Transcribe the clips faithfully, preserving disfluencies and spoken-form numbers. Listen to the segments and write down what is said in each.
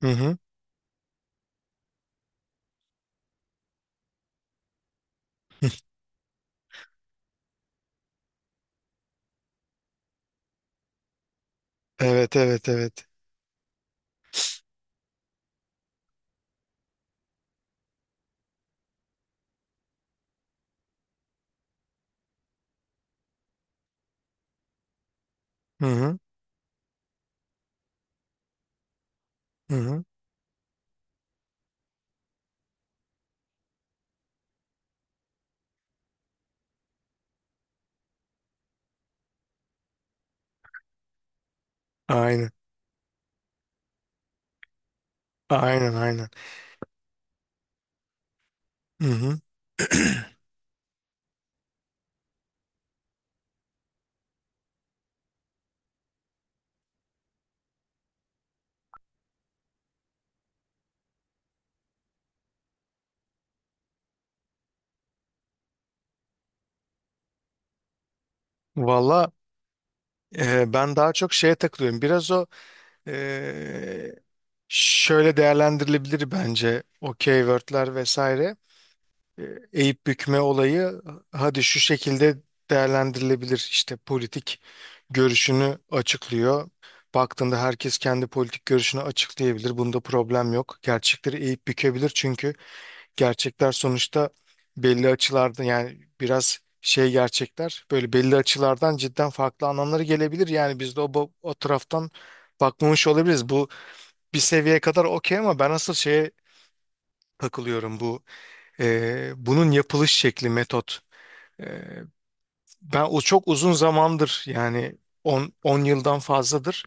Hı hı. Evet evet evet. Hı hı. Hı hı. Aynen. Aynen aynen. Hı hı. Valla e, ben daha çok şeye takılıyorum. Biraz o e, şöyle değerlendirilebilir bence o keywordler vesaire. E, Eğip bükme olayı hadi şu şekilde değerlendirilebilir. İşte politik görüşünü açıklıyor. Baktığında herkes kendi politik görüşünü açıklayabilir. Bunda problem yok. Gerçekleri eğip bükebilir çünkü gerçekler sonuçta belli açılarda yani biraz şey gerçekler böyle belli açılardan cidden farklı anlamları gelebilir. Yani biz de o, bu- o taraftan bakmamış olabiliriz. Bu bir seviyeye kadar okey ama ben asıl şeye takılıyorum bu e, bunun yapılış şekli metot. E, Ben o çok uzun zamandır yani on on yıldan fazladır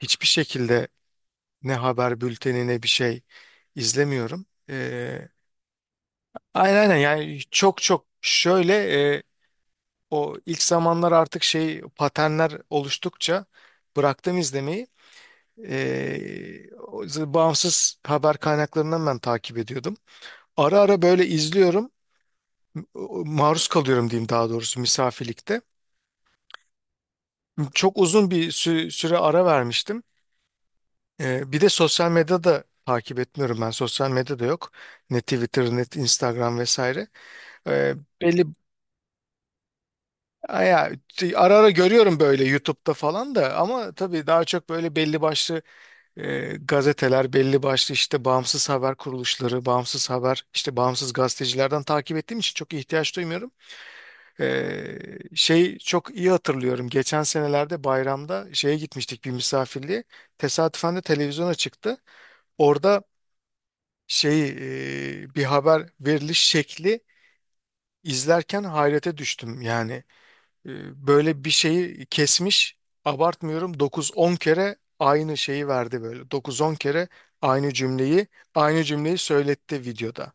hiçbir şekilde ne haber bülteni ne bir şey izlemiyorum. E, Aynen aynen yani çok çok şöyle o ilk zamanlar artık şey paternler oluştukça bıraktım izlemeyi. Ee, o z- bağımsız haber kaynaklarından ben takip ediyordum. Ara ara böyle izliyorum. o- Maruz kalıyorum diyeyim daha doğrusu misafirlikte. Çok uzun bir sü- süre ara vermiştim. Ee, bir de sosyal medyada takip etmiyorum ben. Sosyal medyada yok. Ne Twitter, ne Instagram vesaire. Ee, Belli Aya, ara ara görüyorum böyle YouTube'da falan da ama tabii daha çok böyle belli başlı e, gazeteler belli başlı işte bağımsız haber kuruluşları, bağımsız haber işte bağımsız gazetecilerden takip ettiğim için çok ihtiyaç duymuyorum. E, Şey çok iyi hatırlıyorum. Geçen senelerde bayramda şeye gitmiştik bir misafirliğe. Tesadüfen de televizyona çıktı. Orada şey e, bir haber veriliş şekli izlerken hayrete düştüm yani. E, Böyle bir şeyi kesmiş. Abartmıyorum. Dokuz on kere aynı şeyi verdi böyle. Dokuz on kere aynı cümleyi aynı cümleyi söyletti videoda.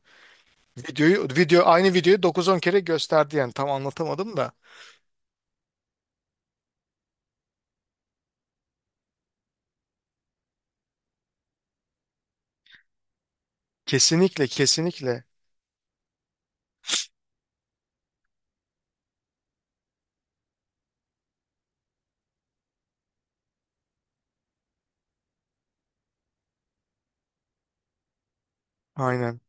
Videoyu video Aynı videoyu dokuz on kere gösterdi yani tam anlatamadım da. Kesinlikle kesinlikle. Aynen.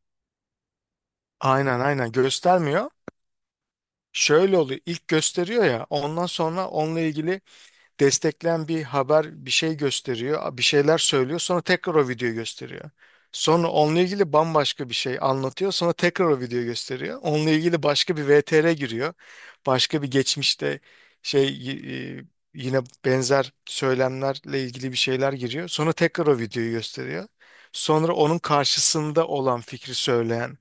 Aynen aynen göstermiyor. Şöyle oluyor. İlk gösteriyor ya ondan sonra onunla ilgili destekleyen bir haber bir şey gösteriyor, bir şeyler söylüyor, sonra tekrar o videoyu gösteriyor. Sonra onunla ilgili bambaşka bir şey anlatıyor, sonra tekrar o videoyu gösteriyor. Onunla ilgili başka bir V T R giriyor. Başka bir geçmişte şey y- y- yine benzer söylemlerle ilgili bir şeyler giriyor. Sonra tekrar o videoyu gösteriyor. Sonra onun karşısında olan fikri söyleyen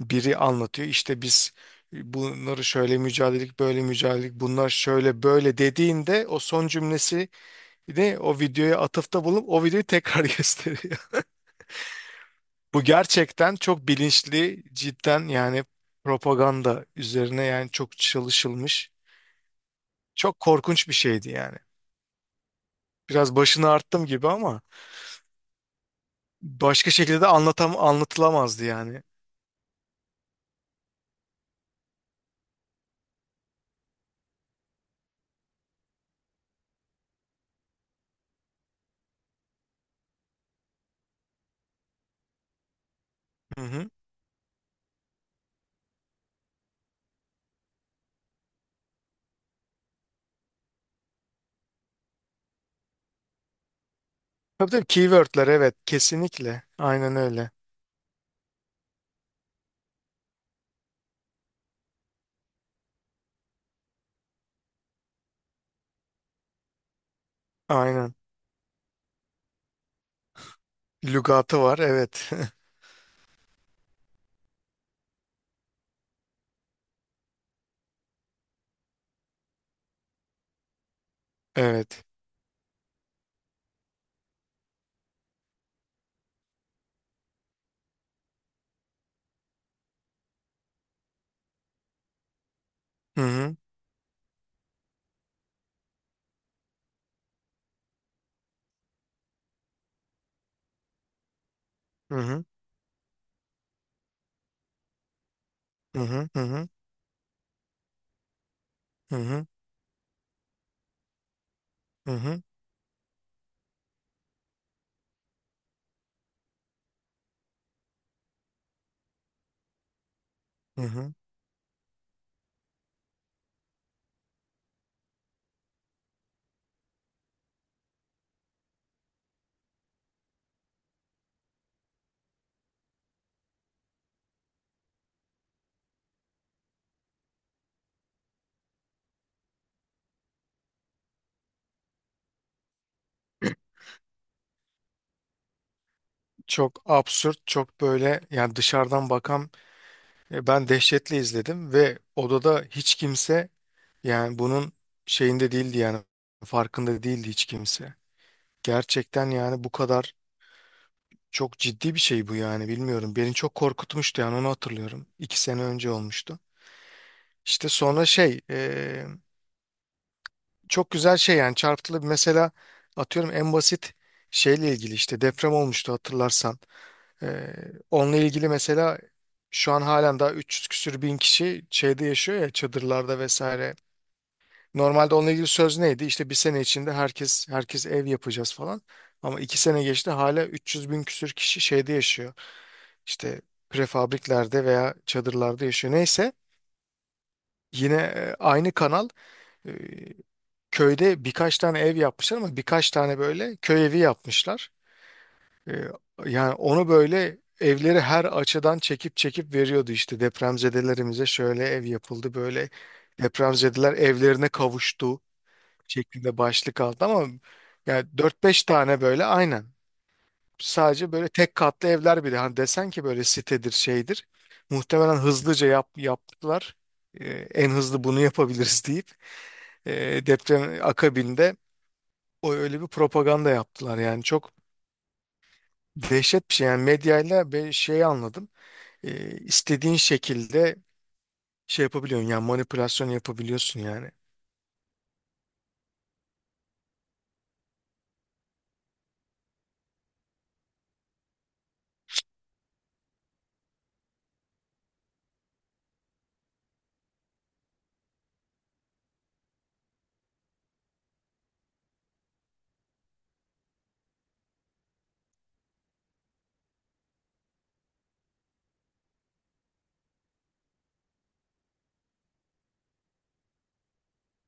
biri anlatıyor. İşte biz e, bunları şöyle mücadelelik, böyle mücadelelik, bunlar şöyle böyle dediğinde o son cümlesi de o videoya atıfta bulunup o videoyu tekrar gösteriyor. Bu gerçekten çok bilinçli, cidden yani propaganda üzerine yani çok çalışılmış. Çok korkunç bir şeydi yani. Biraz başını arttım gibi ama başka şekilde de anlatam anlatılamazdı yani. Hı hı. Tabii tabii keywordler evet kesinlikle. Aynen öyle. Aynen. Lügatı var evet. Evet. Hı hı. Hı hı. Hı hı. Hı hı. Hı hı. Hı hı. Hı hı. Çok absürt, çok böyle yani dışarıdan bakan e, ben dehşetle izledim ve odada hiç kimse yani bunun şeyinde değildi yani farkında değildi hiç kimse. Gerçekten yani bu kadar çok ciddi bir şey bu yani bilmiyorum. Beni çok korkutmuştu yani onu hatırlıyorum. İki sene önce olmuştu. İşte sonra şey çok güzel şey yani çarpıtılı bir mesela atıyorum en basit şeyle ilgili işte deprem olmuştu hatırlarsan. Ee, Onunla ilgili mesela şu an halen daha üç yüz küsür bin kişi şeyde yaşıyor ya çadırlarda vesaire. Normalde onunla ilgili söz neydi? İşte bir sene içinde herkes herkes ev yapacağız falan. Ama iki sene geçti hala üç yüz bin küsür kişi şeyde yaşıyor. İşte prefabriklerde veya çadırlarda yaşıyor. Neyse yine e, aynı kanal e, köyde birkaç tane ev yapmışlar ama birkaç tane böyle köy evi yapmışlar. Ee, Yani onu böyle evleri her açıdan çekip çekip veriyordu işte depremzedelerimize şöyle ev yapıldı böyle depremzedeler evlerine kavuştu şeklinde başlık aldı ama yani dört beş tane böyle aynen sadece böyle tek katlı evler bile hani desen ki böyle sitedir şeydir muhtemelen hızlıca yap, yaptılar. Ee, En hızlı bunu yapabiliriz deyip e, deprem akabinde o öyle bir propaganda yaptılar yani çok dehşet bir şey yani medyayla bir şey anladım. Ee, istediğin şekilde şey yapabiliyorsun yani manipülasyon yapabiliyorsun yani.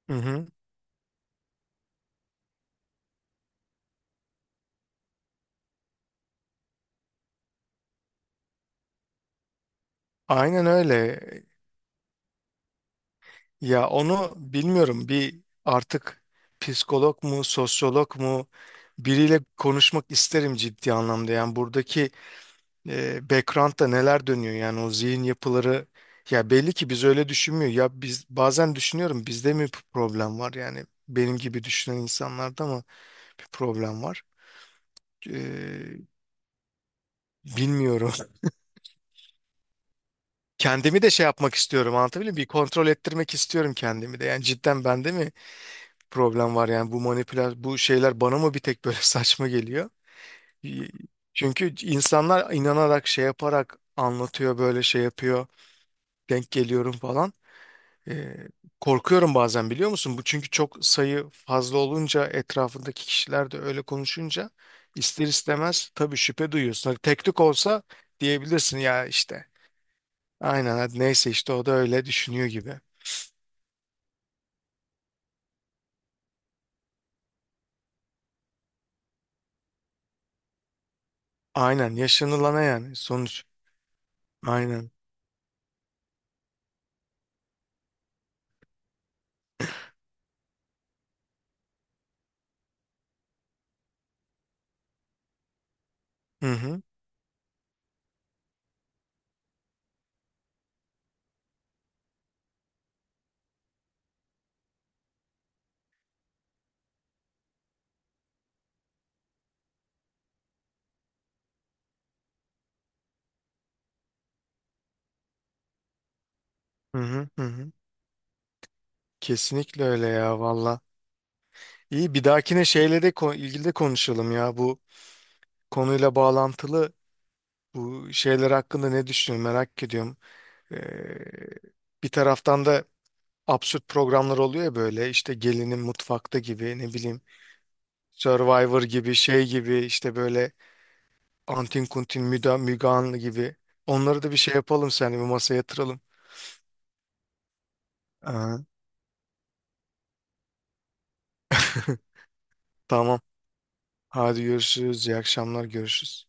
Hı hı. Aynen öyle. Ya onu bilmiyorum bir artık psikolog mu sosyolog mu biriyle konuşmak isterim ciddi anlamda. Yani buradaki e, background'da neler dönüyor yani o zihin yapıları ya belli ki biz öyle düşünmüyor ya biz bazen düşünüyorum bizde mi bir problem var yani benim gibi düşünen insanlarda mı bir problem var. Ee, Bilmiyorum kendimi de şey yapmak istiyorum anlatabiliyor muyum bir kontrol ettirmek istiyorum kendimi de yani cidden bende mi problem var yani bu manipülasyon bu şeyler bana mı bir tek böyle saçma geliyor. Y- Çünkü insanlar inanarak şey yaparak anlatıyor böyle şey yapıyor denk geliyorum falan. Ee, Korkuyorum bazen biliyor musun? Bu çünkü çok sayı fazla olunca etrafındaki kişiler de öyle konuşunca ister istemez tabii şüphe duyuyorsun. Hani tek tük olsa diyebilirsin ya işte. Aynen hadi neyse işte o da öyle düşünüyor gibi. Aynen yaşanılana yani sonuç. Aynen. Hı hı hı hı hı. Hı. Kesinlikle öyle ya valla. İyi bir dahakine şeyle de ko- ilgili de konuşalım ya bu konuyla bağlantılı bu şeyler hakkında ne düşünüyorsun merak ediyorum. Ee, Bir taraftan da absürt programlar oluyor ya böyle işte gelinin mutfakta gibi ne bileyim Survivor gibi şey gibi işte böyle Antin Kuntin Müda, Müge Anlı gibi. Onları da bir şey yapalım sen bir masaya yatıralım. Aha. Tamam. Hadi görüşürüz. İyi akşamlar. Görüşürüz.